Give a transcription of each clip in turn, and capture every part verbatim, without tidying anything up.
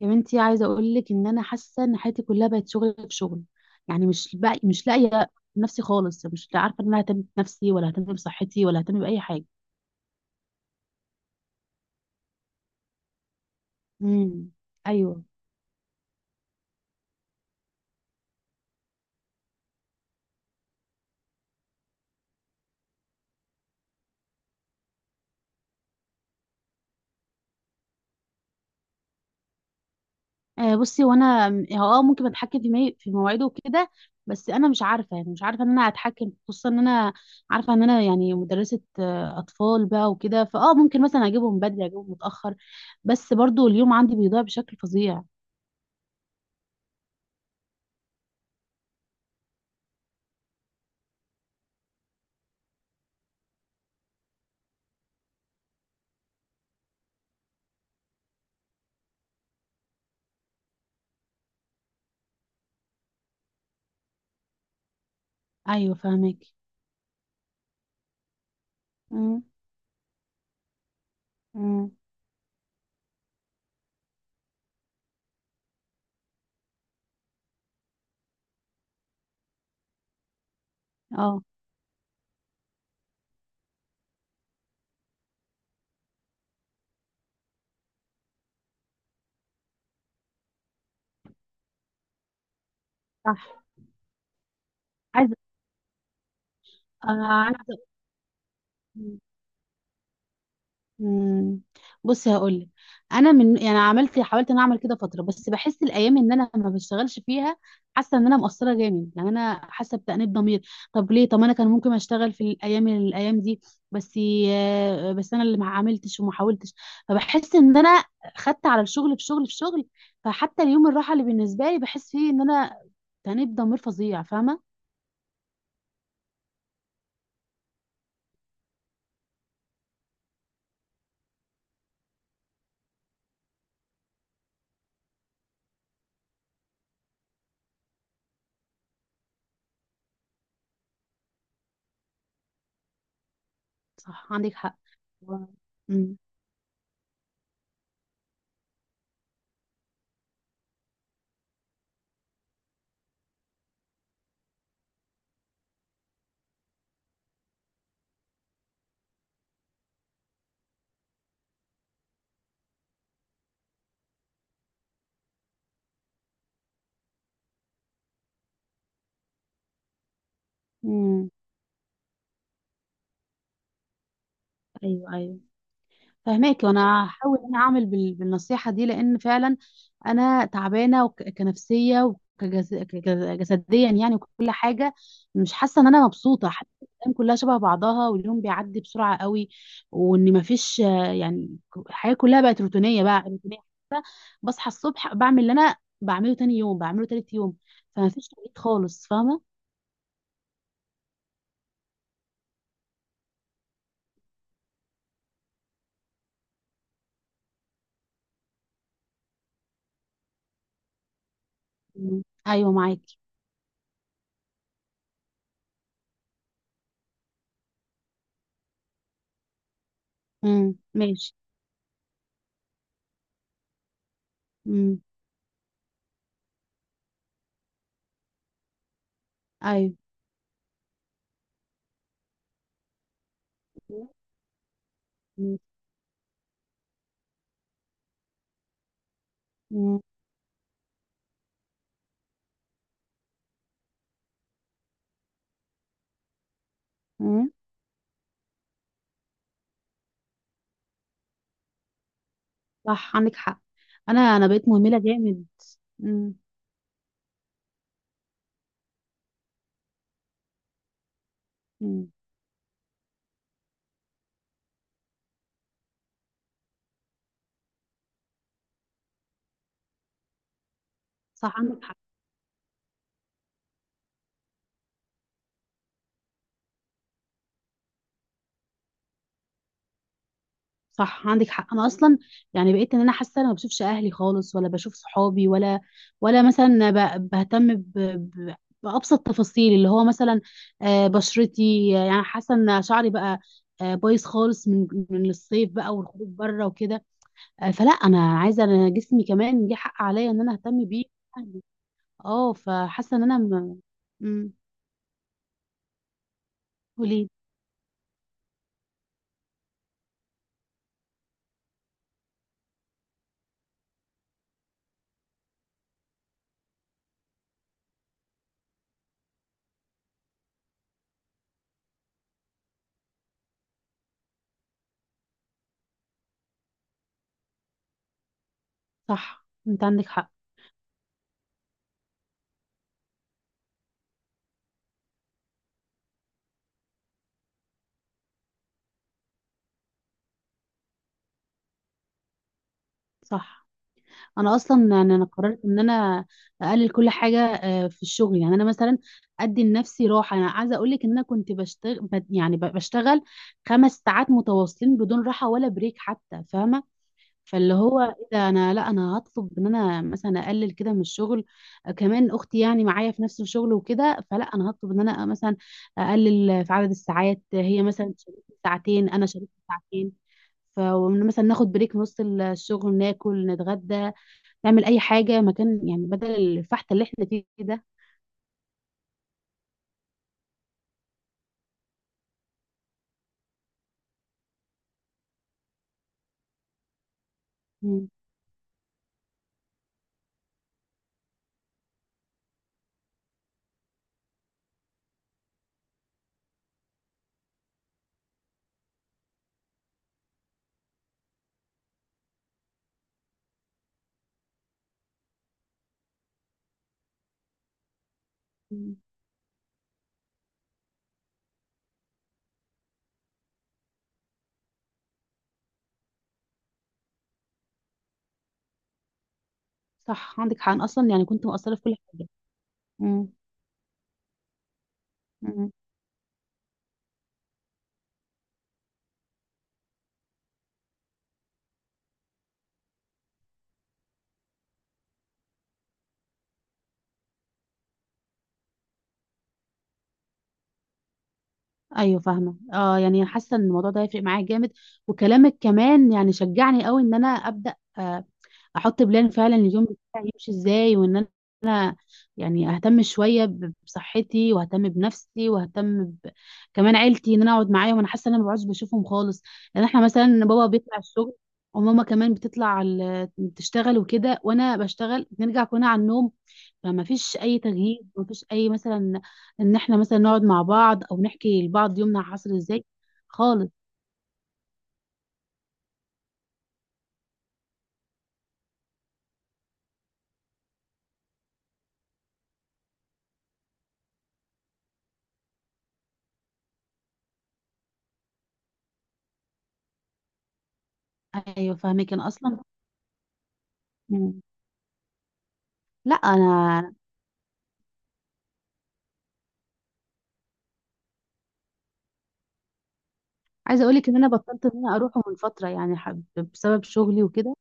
يا بنتي، عايزه اقول لك ان انا حاسه ان حياتي كلها بقت شغل في شغل. يعني مش بقى مش لاقيه نفسي خالص، مش عارفه ان انا اهتم بنفسي ولا اهتم بصحتي ولا اهتم باي حاجه. امم. ايوه. آه. بصي، وانا اه ممكن اتحكم في مي... في مواعيده وكده. بس انا مش عارفه يعني مش عارفه ان انا اتحكم، خصوصا ان انا عارفه ان انا يعني مدرسه آه، اطفال بقى وكده، فاه ممكن مثلا اجيبهم بدري اجيبهم متاخر، بس برضو اليوم عندي بيضيع بشكل فظيع. ايوه فاهمك. امم. امم. اه. صح. انا عايزه. مم. بصي هقول لك، انا من يعني عملت حاولت ان اعمل كده فتره، بس بحس الايام ان انا ما بشتغلش فيها، حاسه ان انا مقصره جامد، يعني انا حاسه بتأنيب ضمير. طب ليه؟ طب انا كان ممكن اشتغل في الايام الايام دي، بس آه، بس انا اللي ما عملتش وما حاولتش. فبحس ان انا خدت على الشغل في شغل في شغل، فحتى اليوم الراحه اللي بالنسبه لي بحس فيه ان انا تأنيب ضمير فظيع، فاهمه. صح عندك حق. و- مم. مم. ايوه ايوه. فهماك، وانا هحاول ان انا اعمل بال- بالنصيحه دي، لان فعلا انا تعبانه وك- كنفسيه وكجسديا يعني وكل حاجه. مش حاسه ان انا مبسوطه، حاسه إن الايام كلها شبه بعضها واليوم بيعدي بسرعه قوي، وان مفيش آه، يعني الحياه كلها بقت روتينيه، بقى روتينيه حتى بصحى الصبح بعمل اللي انا بعمله تاني يوم بعمله تالت يوم، فمفيش تغيير خالص، فاهمه. مم. ايوه معاكي. مم. ماشي. مم. ايوه. مم. مم. صح عندك حق. انا انا بقيت مهمله جامد. امم. امم. صح عندك حق. صح عندك حق، انا اصلا يعني بقيت ان انا حاسه انا ما بشوفش اهلي خالص ولا بشوف صحابي ولا ولا مثلا ب- بهتم ب... ب... بابسط تفاصيل، اللي هو مثلا آه، بشرتي. آه، يعني حاسه ان شعري بقى آه، بايظ خالص من من الصيف بقى والخروج بره وكده. آه، فلا انا عايزه، انا جسمي كمان ليه حق عليا ان انا اهتم بيه. أهلي. اه فحاسه ان انا م... امم. صح انت عندك حق. صح، انا اصلا يعني انا قررت ان انا اقلل كل حاجه آه، في الشغل، يعني انا مثلا ادي لنفسي راحه. انا عايزه اقول لك ان انا كنت بشتغل يعني ب- بشتغل خمس ساعات متواصلين بدون راحه ولا بريك حتى، فاهمه. فاللي هو ايه ده، انا لا انا هطلب ان انا مثلا اقلل كده من الشغل. آه، كمان اختي يعني معايا في نفس الشغل وكده، فلا انا هطلب ان انا مثلا اقلل في عدد الساعات، هي مثلا شاركت ساعتين انا شاركت ساعتين، فمثلا ناخد بريك في نص الشغل، ناكل، نتغدى، نعمل اي حاجه مكان، يعني بدل الفحت اللي احنا فيه ده. مم. مم. صح عندك حق. أنا اصلا يعني كنت مقصره في كل حاجه. مم. مم. ايوه فاهمه، اه يعني حاسه ان الموضوع ده هيفرق معايا جامد، وكلامك كمان يعني شجعني قوي ان انا ابدا آه، احط بلان فعلا اليوم بتاعي يمشي ازاي، وان انا أنا يعني اهتم شويه ب- بصحتي واهتم بنفسي واهتم ب... كمان عيلتي، ان انا اقعد معاهم، انا حاسه ان انا ما بقعدش بشوفهم خالص. لان احنا مثلا بابا بيطلع الشغل وماما كمان بتطلع ال- تشتغل وكده، وانا بشتغل، بنرجع كلنا على النوم، فما فيش اي تغيير، ما فيش اي مثلا ان احنا مثلا نقعد مع بعض او نحكي لبعض يومنا حصل ازاي خالص. ايوه فاهمك. انا اصلا. مم. لا، انا عايزه اقول لك ان انا بطلت ان انا اروحه من فتره يعني حب- بسبب شغلي وكده.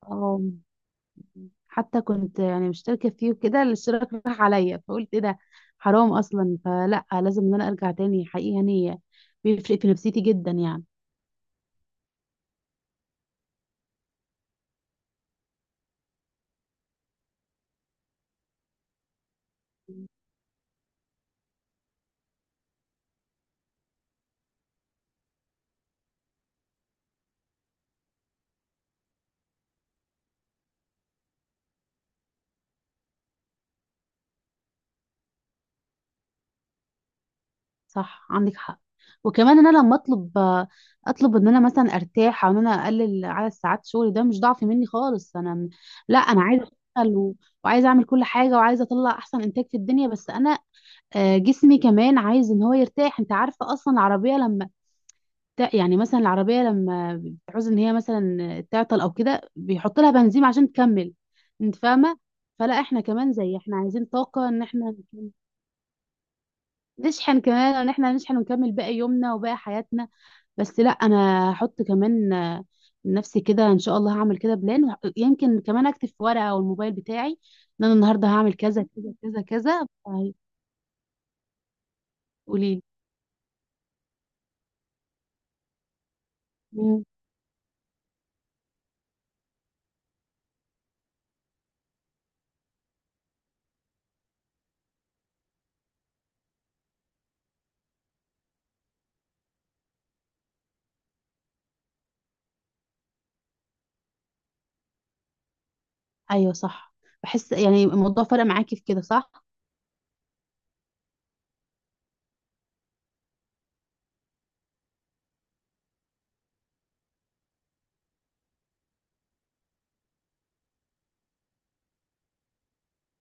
آم، حتى كنت يعني مشتركه فيه وكده، الاشتراك راح عليا، فقلت ايه ده، حرام اصلا، فلا لازم ان انا ارجع تاني حقيقي يعني، بيفرق في نفسيتي جدا يعني. صح عندك حق. وكمان ان انا لما اطلب، اطلب ان انا مثلا ارتاح او ان انا اقلل عدد ساعات شغلي، ده مش ضعف مني خالص. انا م- لا انا عايزه اشتغل و... وعايزه اعمل كل حاجه وعايزه اطلع احسن انتاج في الدنيا، بس انا آه، جسمي كمان عايز ان هو يرتاح. انت عارفه اصلا العربيه لما بت- يعني مثلا العربيه لما بتعوز ان هي مثلا تعطل او كده، بيحط لها بنزين عشان تكمل، انت فاهمه. فلا احنا كمان زي، احنا عايزين طاقه ان احنا نشحن، كمان ان احنا نشحن ونكمل باقي يومنا وباقي حياتنا. بس لا انا هحط كمان آه، لنفسي كده ان شاء الله هعمل كده بلان، وه- يمكن كمان اكتب في ورقه او الموبايل بتاعي ان انا النهارده هعمل كذا كذا كذا كذا. قولي لي. ايوه صح. بحس يعني الموضوع فرق معاكي في كده صح؟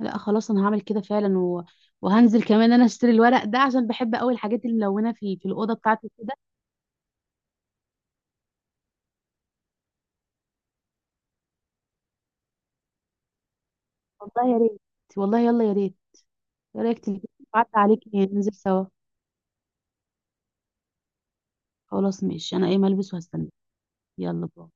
لا خلاص انا هعمل كده فعلا و... وهنزل كمان انا اشتري الورق ده عشان بحب قوي الحاجات الملونه في في الاوضه بتاعتي كده. والله يا ريت. والله يلا يا ريت. ايه رايك تيجي؟ بعد عليك ننزل سوا. خلاص ماشي انا ايه ملبس وهستنى. يلا باي.